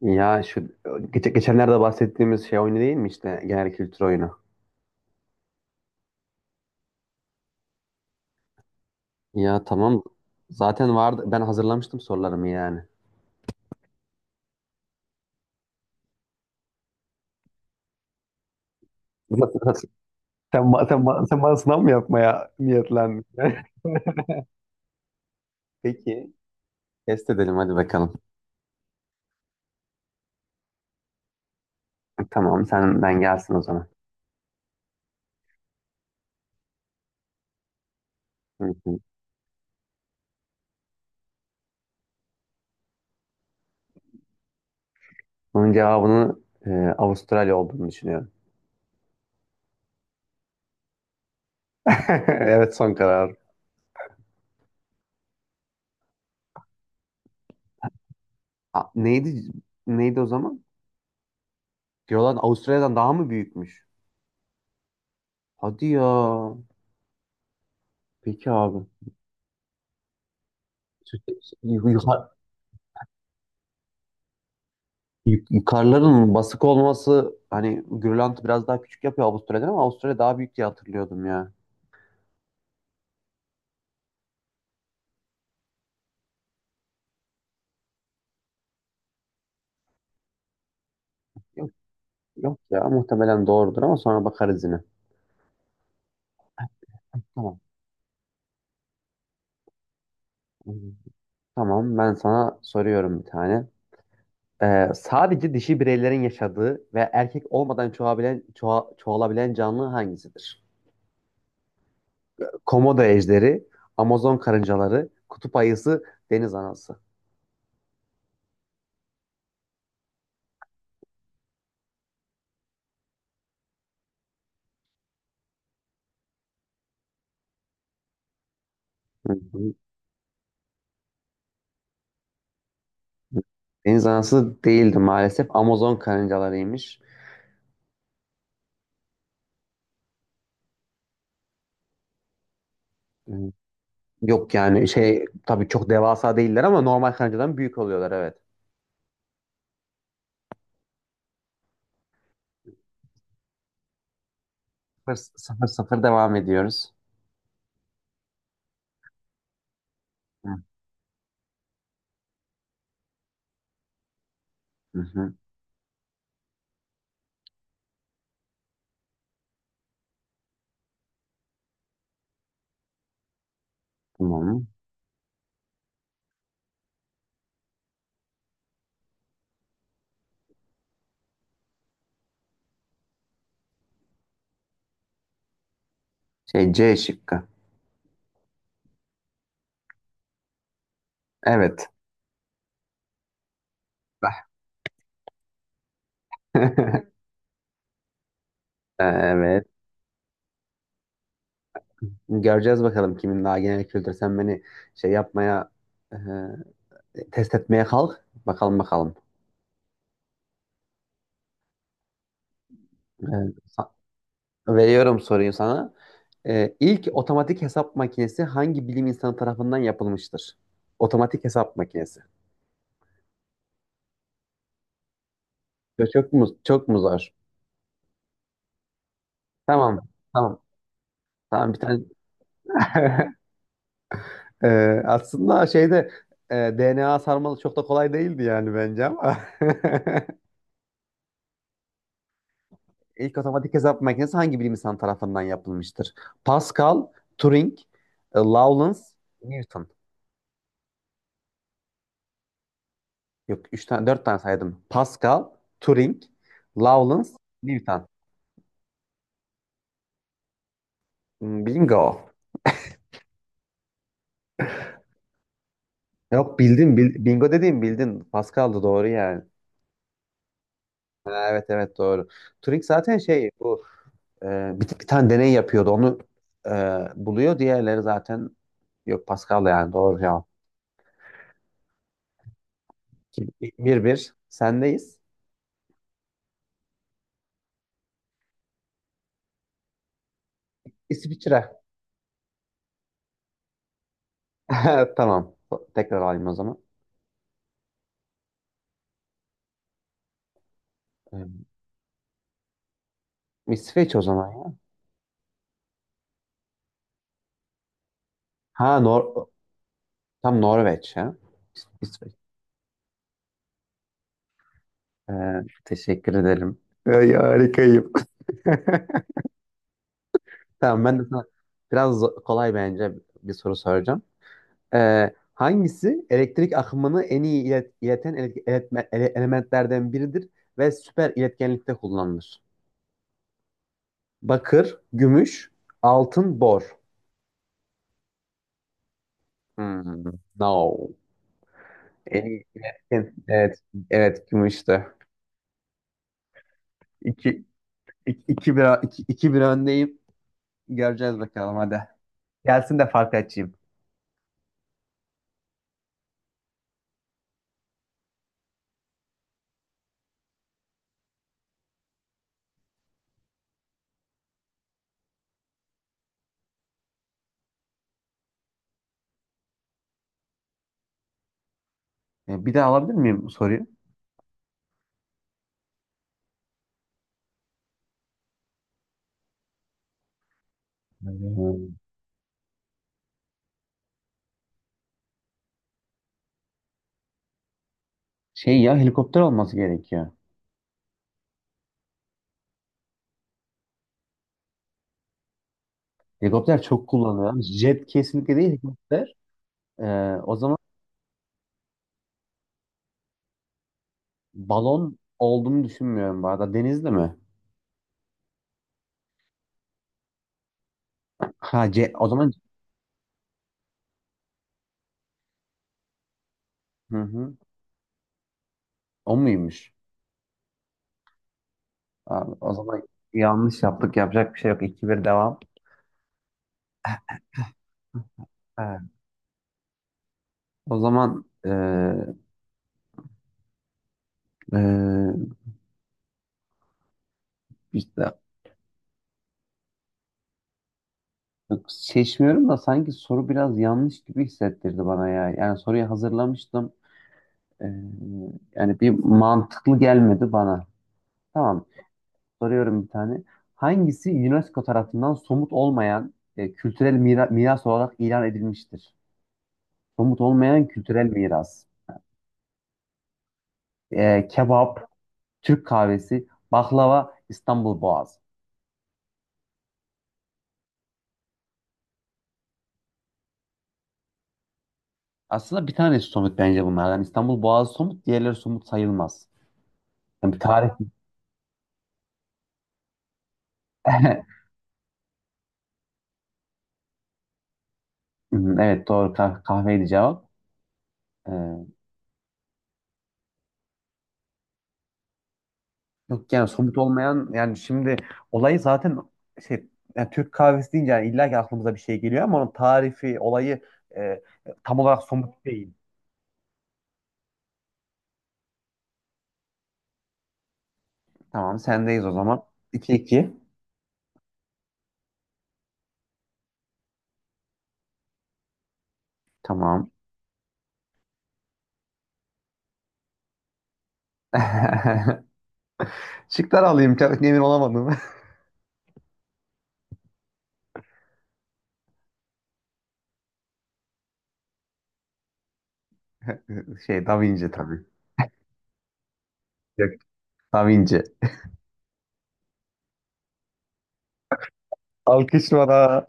Ya şu geçenlerde bahsettiğimiz şey oyunu değil mi? İşte genel kültür oyunu? Ya tamam. Zaten vardı. Ben hazırlamıştım sorularımı yani. Sen bana sınav mı yapmaya niyetlendin? Peki. Test edelim hadi bakalım. Tamam senden gelsin o zaman. Hı hı. Bunun cevabını e, Avustralya olduğunu düşünüyorum. Evet son karar. Neydi, neydi o zaman? Diyorlar Avustralya'dan daha mı büyükmüş? Hadi ya. Peki abi. Türkiye- Karların basık olması, hani Grönland biraz daha küçük yapıyor Avustralya'dan ama Avustralya daha büyük diye hatırlıyordum ya. Yok, yok ya, muhtemelen doğrudur ama sonra bakarız yine. Tamam. Tamam, ben sana soruyorum bir tane. Sadece dişi bireylerin yaşadığı ve erkek olmadan çoğalabilen, çoğalabilen canlı hangisidir? Komodo ejderi, Amazon karıncaları, kutup ayısı, deniz anası. Hı hı. Deniz anası değildi maalesef. Amazon karıncalarıymış. Ee, Yok yani şey, tabii çok devasa değiller ama normal kancadan büyük oluyorlar, evet. Sıfır, sıfır, sıfır, devam ediyoruz. Hı hı, hı. Tamam. Şey, C şıkkı. Evet. Evet. Göreceğiz bakalım kimin daha genel kültür. Sen beni şey yapmaya, e, test etmeye kalk. Bakalım, bakalım. E, sa- veriyorum soruyu sana. E, ilk otomatik hesap makinesi hangi bilim insanı tarafından yapılmıştır? Otomatik hesap makinesi. Çok mu zor? Tamam. Tamam. Tamam, bir tane. Aslında şeyde, DNA sarmalı çok da kolay değildi yani bence ama. İlk otomatik hesap makinesi hangi bilim insanı tarafından yapılmıştır? Pascal, Turing, Lawrence, Newton. Yok, üç tane, dört tane saydım. Pascal, Turing, Lawrence, Newton. Hmm, bingo. Yok bildin, bingo dediğim bildin. Pascal'dı, doğru yani. Evet, evet doğru. Turing zaten şey, bu Ee, bir tane deney yapıyordu. Onu e, buluyor. Diğerleri zaten, yok Pascal da yani doğru cevap. Bir bir bir, sendeyiz. İsviçre. Tamam. Tekrar alayım o zaman. Ee, İsveç o zaman ya. Ha Nor tam Norveç ya. İsveç. Ee, Teşekkür ederim. Ay, harikayım. Tamam, ben de sana biraz kolay bence bir soru soracağım. Hangisi elektrik akımını en iyi ileten elementlerden biridir ve süper iletkenlikte kullanılır? Bakır, gümüş, altın, bor. Hmm, no. En iyi iletken. Evet, evet gümüştü. İki, iki bir öndeyim. Göreceğiz bakalım, hadi. Gelsin de fark açayım. Bir daha alabilir miyim bu soruyu? Hmm. Şey ya, helikopter olması gerekiyor. Helikopter çok kullanılıyor. Jet kesinlikle değil, helikopter. Ee, O zaman balon olduğunu düşünmüyorum bu arada. Denizli mi? Ha, C o zaman. Hı hı. O muymuş? Abi, o zaman yanlış yaptık. Yapacak bir şey yok. 2 bir devam. Ha. O zaman e, işte, yok, seçmiyorum da sanki soru biraz yanlış gibi hissettirdi bana ya. Yani soruyu hazırlamıştım. E, Yani bir mantıklı gelmedi bana. Tamam. Soruyorum bir tane. Hangisi UNESCO tarafından somut olmayan kültürel miras olarak ilan edilmiştir? Somut olmayan kültürel miras. Kebap, Türk kahvesi, baklava, İstanbul Boğazı. Aslında bir tanesi somut bence bunlardan: İstanbul Boğazı somut, diğerleri somut sayılmaz. Yani bir tarih... Evet doğru, kahveydi cevap. Ee, Yok yani somut olmayan yani, şimdi olayı zaten şey, yani Türk kahvesi deyince yani illa ki aklımıza bir şey geliyor ama onun tarifi, olayı e, tam olarak somut değil. Tamam, sendeyiz o zaman. İki iki. Tamam. Şıklar alayım. Çok emin olamadım. Şey, Da Vinci tabii. Yok. Da Vinci. Alkış bana.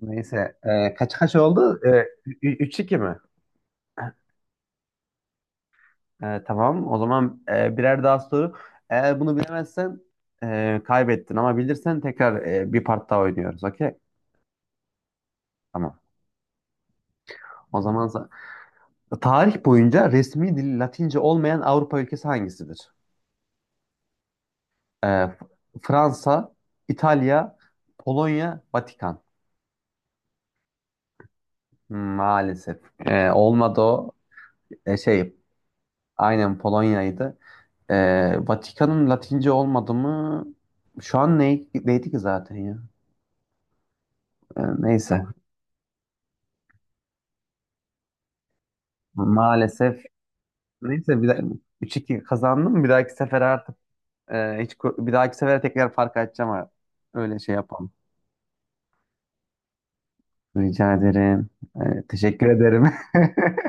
Neyse. Kaç kaç oldu? 3-2 mi? E, tamam. O zaman birer daha soru. Eğer bunu bilemezsen kaybettin ama bilirsen tekrar, bir part daha oynuyoruz. Okey? Tamam. O zaman tarih boyunca resmi dil Latince olmayan Avrupa ülkesi hangisidir? E, F- Fransa, İtalya, Polonya, Vatikan. Maalesef. Olmadı o. E, şey aynen Polonya'ydı. E, Vatikan'ın Latince olmadı mı? Şu an ne, neydi ki zaten ya? E, neyse. Maalesef. Neyse, bir daha, 3-2 kazandım. Bir dahaki sefere artık bir dahaki sefere tekrar fark açacağım. Ha. Öyle şey yapalım. Rica ederim. Teşekkür ederim.